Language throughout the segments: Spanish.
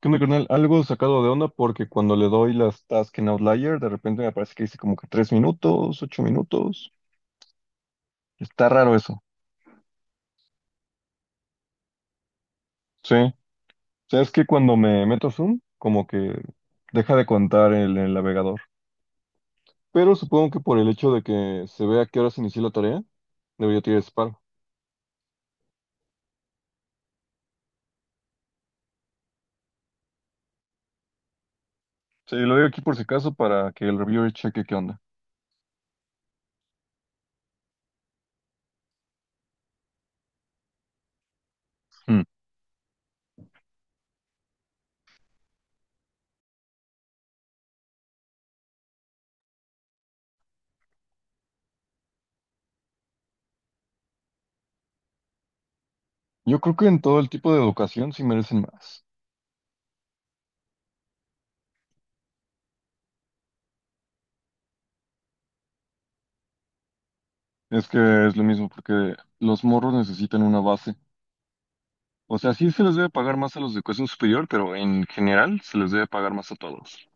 ¿Qué onda, carnal? Algo sacado de onda porque cuando le doy las tasks en Outlier, de repente me aparece que dice como que 3 minutos, 8 minutos. Está raro eso. Sí. O sea, es que cuando me meto a Zoom, como que deja de contar el navegador. Pero supongo que por el hecho de que se vea a qué hora se inició la tarea, debería tirar disparo. Sí, lo digo aquí por si acaso para que el reviewer cheque qué onda. Mm. Yo creo que en todo el tipo de educación sí merecen más. Es que es lo mismo porque los morros necesitan una base. O sea, sí se les debe pagar más a los de educación superior, pero en general se les debe pagar más a todos.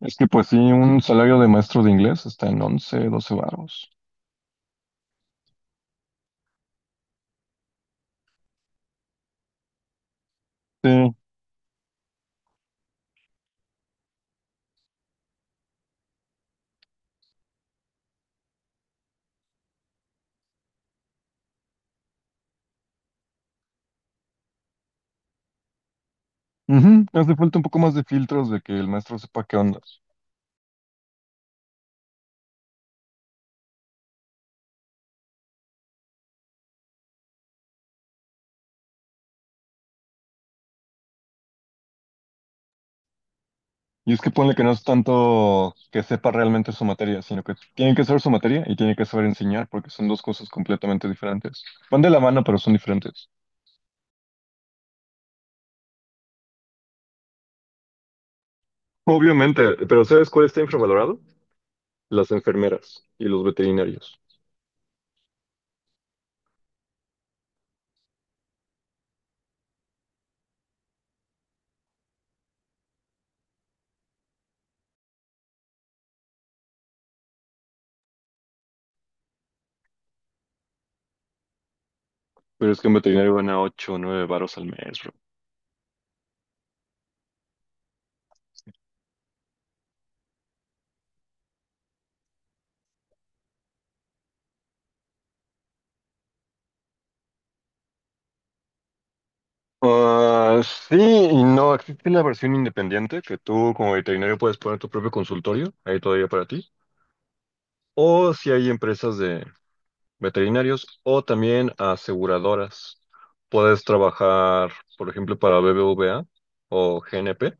Es que pues sí, un salario de maestro de inglés está en 11, 12 varos. Sí. Ujú. Hace falta un poco más de filtros de que el maestro sepa qué onda. Y es que ponle que no es tanto que sepa realmente su materia, sino que tiene que saber su materia y tiene que saber enseñar, porque son dos cosas completamente diferentes. Van de la mano, pero son diferentes. Obviamente, pero ¿sabes cuál está infravalorado? Las enfermeras y los veterinarios. Pero es que en veterinario gana 8 o 9 varos al mes, bro. Ah, sí y no. Existe la versión independiente que tú como veterinario puedes poner tu propio consultorio ahí todavía para ti. O si hay empresas de veterinarios o también aseguradoras. Puedes trabajar, por ejemplo, para BBVA o GNP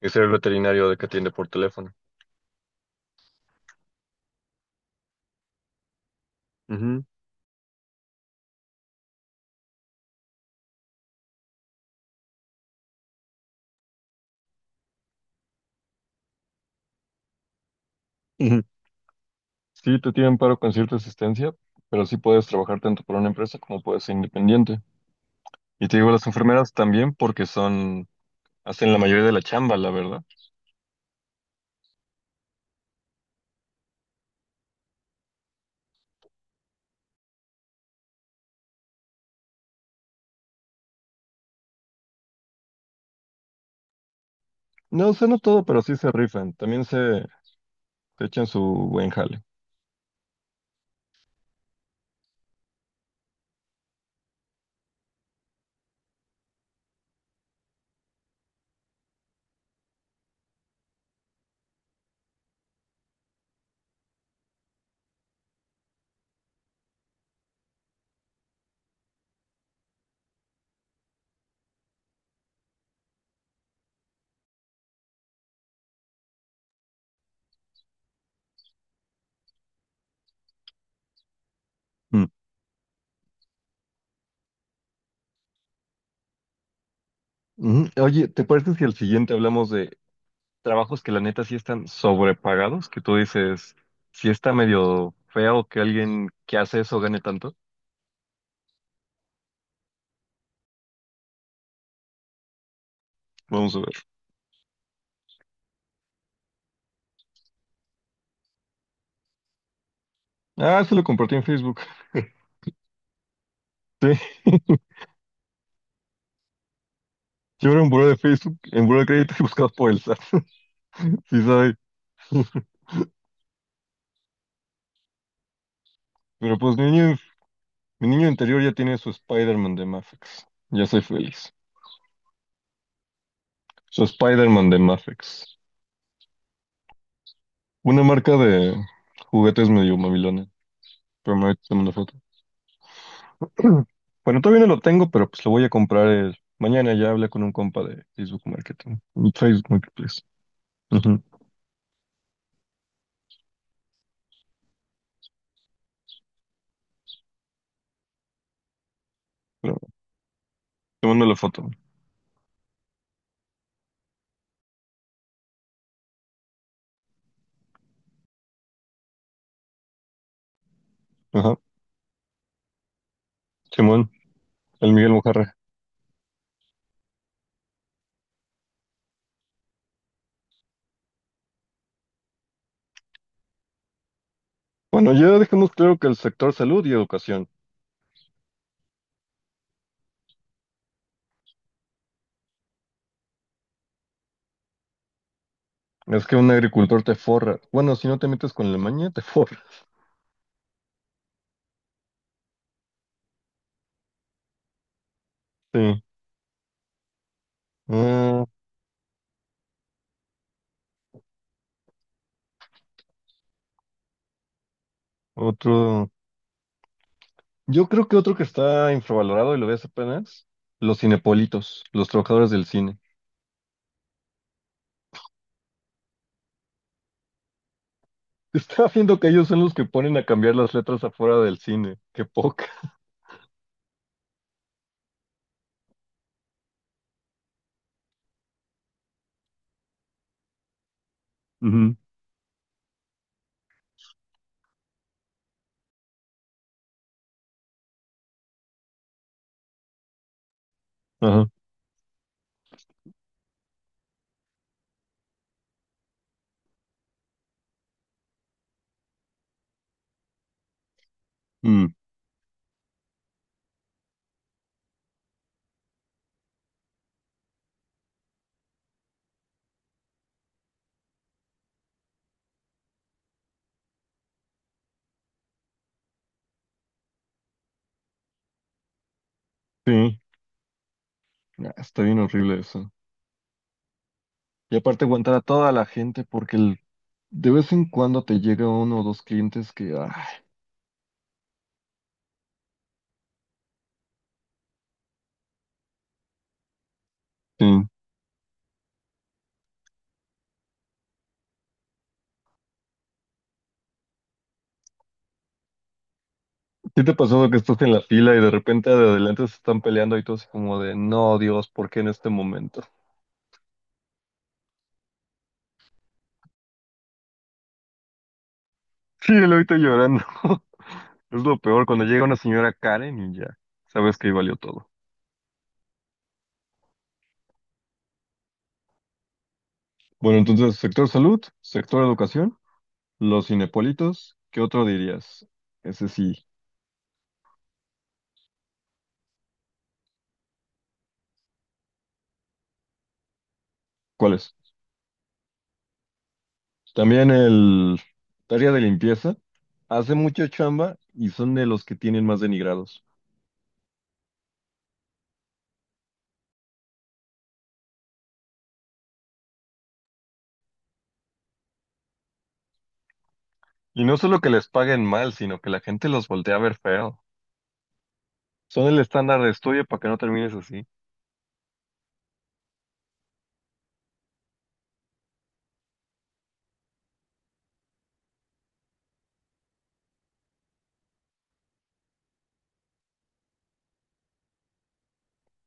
y ser el veterinario de que atiende por teléfono. Ujú. Ujú. Sí, te tienen paro con cierta asistencia, pero sí puedes trabajar tanto para una empresa como puedes ser independiente. Y te digo, las enfermeras también porque son, hacen la mayoría de la chamba, la verdad. No, o sea, no todo, pero sí se rifan. También se echan su buen jale. Mm. Ujú. Oye, ¿te parece si al siguiente hablamos de trabajos que la neta sí están sobrepagados? Que tú dices, si está medio feo que alguien que hace eso gane tanto. Vamos a ver. Ah, se lo compartí en Facebook. Sí, yo era un buró de Facebook, en buró de crédito y buscado por el SAT. Sí, soy. Pero pues, mi niño interior ya tiene su Spider-Man de Mafex. Ya soy feliz. Su Spider-Man de Mafex. Una marca de juguetes medio mamilona. Pero me tengo una foto. Bueno, todavía no lo tengo, pero pues lo voy a comprar el mañana. Ya hablé con un compa de Facebook Marketing. Facebook Marketplace. Ujú. Pero te mando la foto. Ajá. Simón, el Miguel Mojarra. Bueno, ya dejamos claro que el sector salud y educación. Es que un agricultor te forra. Bueno, si no te metes con la maña, te forra. Sí. Ah, otro. Yo creo que otro que está infravalorado y lo ves apenas, los cinepolitos, los trabajadores del cine. Estaba viendo que ellos son los que ponen a cambiar las letras afuera del cine. Qué poca. Ujú. Ajá. Mm, sí. Ah, está bien horrible eso. Y aparte aguantar a toda la gente porque de vez en cuando te llega uno o dos clientes que, ay, sí. ¿Sí te pasó que estás en la fila y de repente de adelante se están peleando y todo así como de, no, Dios, ¿por qué en este momento? Sí, lo ahorita llorando. Es lo peor cuando llega una señora Karen y ya sabes que ahí valió todo. Bueno, entonces, sector salud, sector educación, los cinepolitos, ¿qué otro dirías? Ese sí, ¿cuáles? También el área de limpieza, hace mucha chamba y son de los que tienen más denigrados. Y no solo que les paguen mal, sino que la gente los voltea a ver feo. Son el estándar de estudio para que no termines así.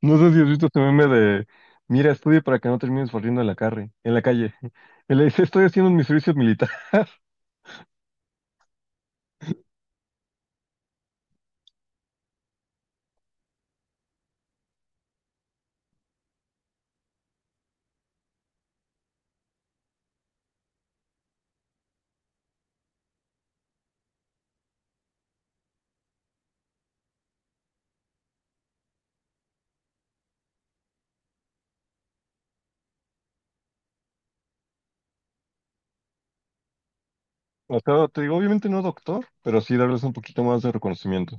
No sé si has visto este meme de, mira, estudia para que no termines corriendo en en la calle. Y le dice, estoy haciendo mi servicio militar. O sea, te digo, obviamente no doctor, pero sí darles un poquito más de reconocimiento.